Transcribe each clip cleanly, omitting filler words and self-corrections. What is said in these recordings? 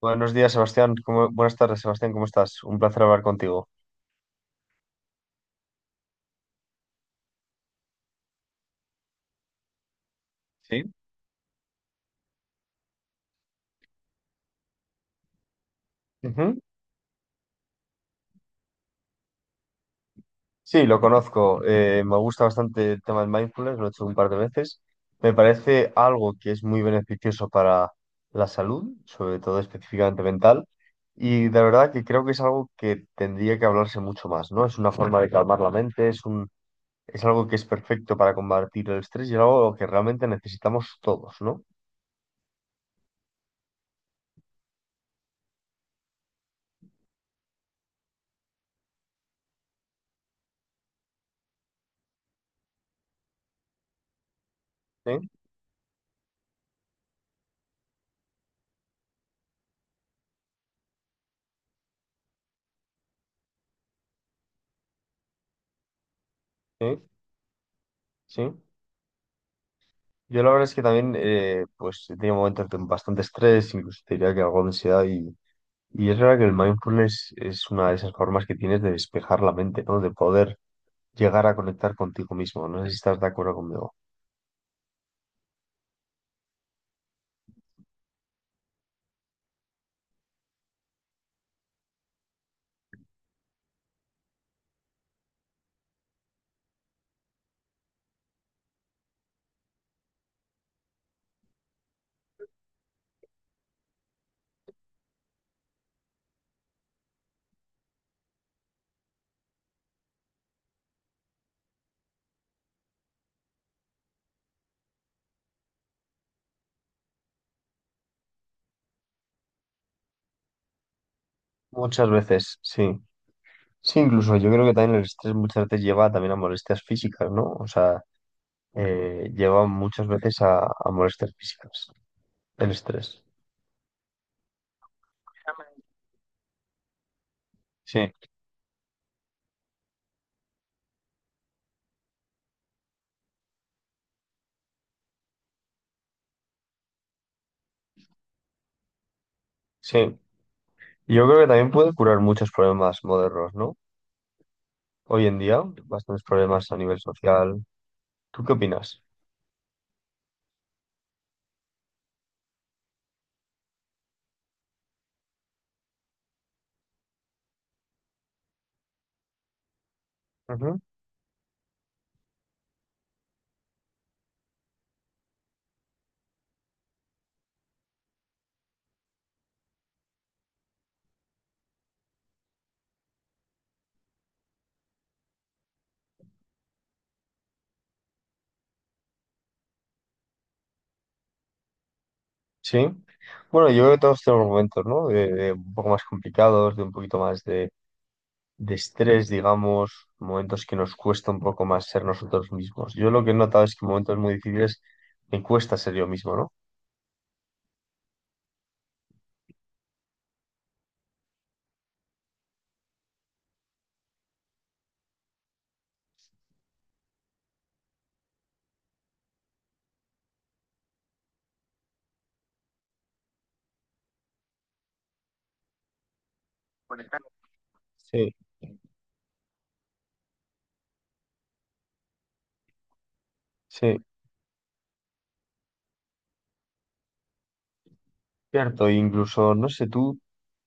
Buenos días, Sebastián. Buenas tardes, Sebastián. ¿Cómo estás? Un placer hablar contigo. Sí. Ujú. Sí, lo conozco. Me gusta bastante el tema del mindfulness, lo he hecho un par de veces. Me parece algo que es muy beneficioso para la salud, sobre todo específicamente mental. Y de verdad que creo que es algo que tendría que hablarse mucho más, ¿no? Es una forma de calmar la mente, es algo que es perfecto para combatir el estrés y algo que realmente necesitamos todos, ¿no? Sí, sí, sí. Yo la verdad es que también, pues he tenido momentos de bastante estrés, incluso te diría que algo de ansiedad y es verdad que el mindfulness es una de esas formas que tienes de despejar la mente, ¿no? De poder llegar a conectar contigo mismo. No sé si estás de acuerdo conmigo. Muchas veces, sí. Sí, incluso yo creo que también el estrés muchas veces lleva también a molestias físicas, ¿no? O sea, lleva muchas veces a molestias físicas, el estrés. Sí, sí. Yo creo que también puede curar muchos problemas modernos, ¿no? Hoy en día, bastantes problemas a nivel social. ¿Tú qué opinas? Ujú. Sí. Bueno, yo creo que todos tenemos momentos, ¿no? De un poco más complicados, de un poquito más de estrés, digamos, momentos que nos cuesta un poco más ser nosotros mismos. Yo lo que he notado es que en momentos muy difíciles me cuesta ser yo mismo, ¿no? Sí, sí, cierto. Incluso, no sé,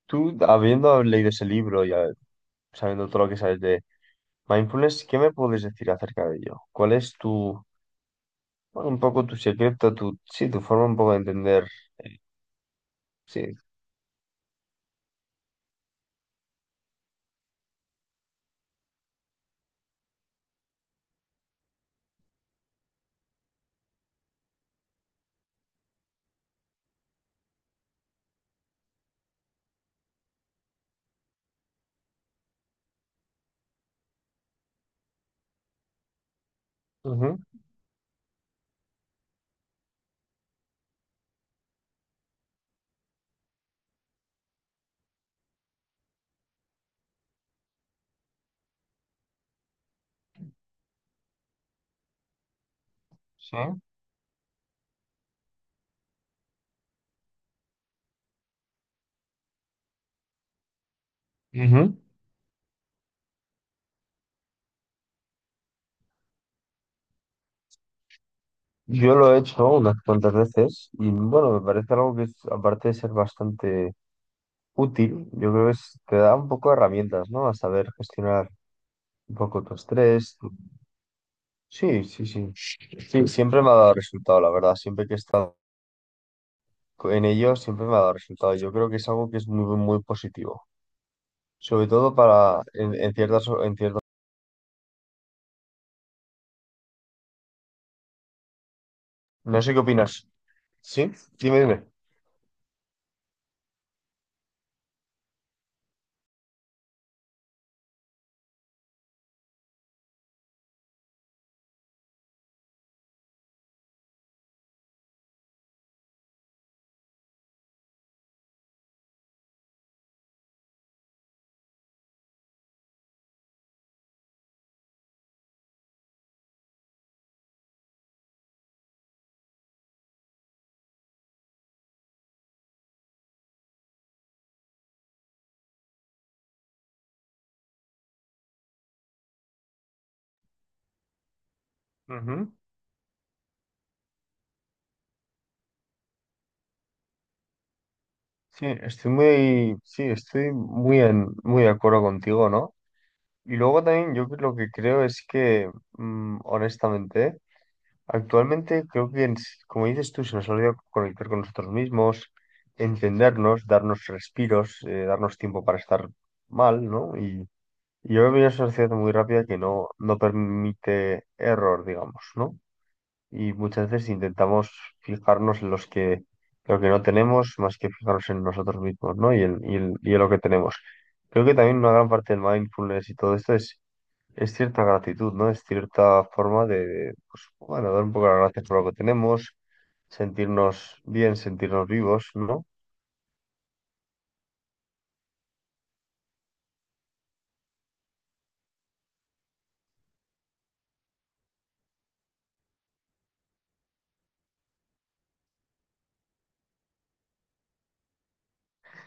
tú habiendo leído ese libro y sabiendo todo lo que sabes de mindfulness, ¿qué me puedes decir acerca de ello? ¿Cuál es bueno, un poco tu secreto, tu, sí, tu forma un poco de entender, sí. Ujú, sí. Ujú. Yo lo he hecho unas cuantas veces y bueno, me parece algo que es, aparte de ser bastante útil, yo creo que te da un poco de herramientas, ¿no? A saber gestionar un poco tu estrés. Sí, sí, sí. Sí, siempre me ha dado resultado, la verdad. Siempre que he estado en ello, siempre me ha dado resultado. Yo creo que es algo que es muy, muy positivo. Sobre todo para en ciertas, en ciertas. No sé qué opinas. ¿Sí? Dime, dime. Ujú. Sí, estoy muy, sí, muy de acuerdo contigo, ¿no? Y luego también yo lo que creo es que, honestamente, actualmente creo que, como dices tú, se nos olvida conectar con nosotros mismos, entendernos, darnos respiros, darnos tiempo para estar mal, ¿no? Y yo veo una sociedad muy rápida que no permite error, digamos, ¿no? Y muchas veces intentamos fijarnos en lo que no tenemos más que fijarnos en nosotros mismos, ¿no? Y en lo que tenemos. Creo que también una gran parte del mindfulness y todo esto es cierta gratitud, ¿no? Es cierta forma de, pues, bueno, dar un poco las gracias por lo que tenemos, sentirnos bien, sentirnos vivos, ¿no?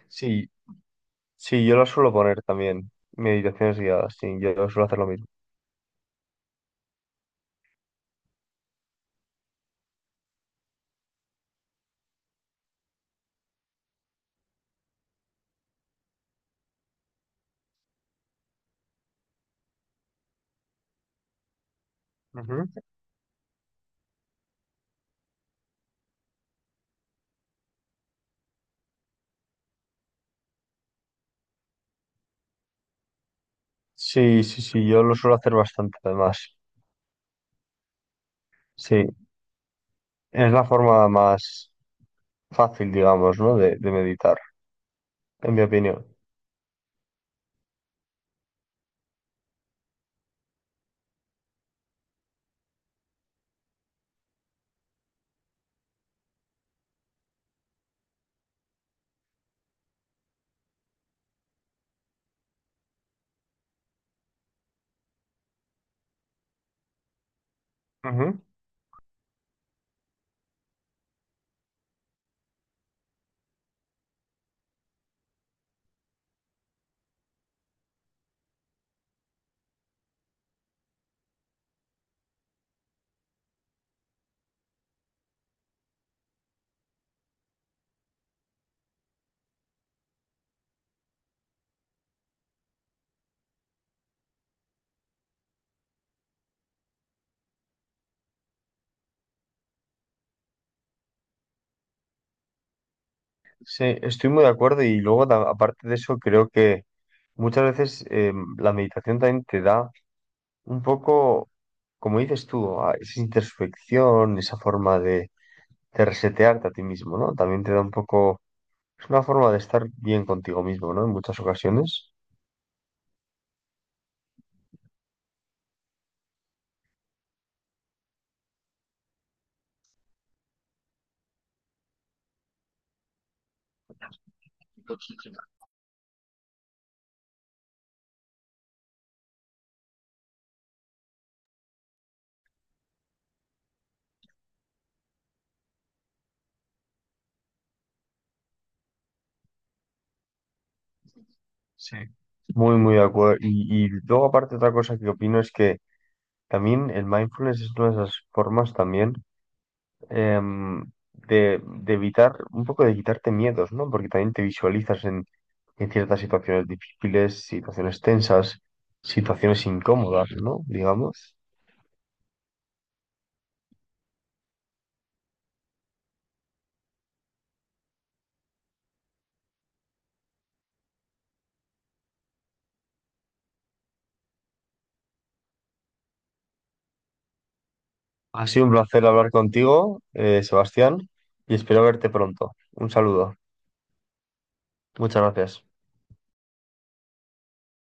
Sí, sí, yo lo suelo poner también, meditaciones guiadas, sí, yo suelo hacer lo mismo. Ujú. Sí, sí, sí, yo lo suelo hacer bastante además. Sí, es la forma más fácil, digamos, ¿no? De meditar, en mi opinión. Ujú. Sí, estoy muy de acuerdo y luego, aparte de eso, creo que muchas veces la meditación también te da un poco, como dices tú, a esa introspección, esa forma de resetearte a ti mismo, ¿no? También te da un poco, es una forma de estar bien contigo mismo, ¿no? En muchas ocasiones. Sí. Muy, muy de acuerdo. Y luego, aparte, otra cosa que opino es que también el mindfulness es una de esas formas también. em, de evitar, un poco de quitarte miedos, ¿no? Porque también te visualizas en ciertas situaciones difíciles, situaciones tensas, situaciones incómodas, ¿no? Digamos. Ha sido un placer hablar contigo, Sebastián, y espero verte pronto. Un saludo. Muchas gracias.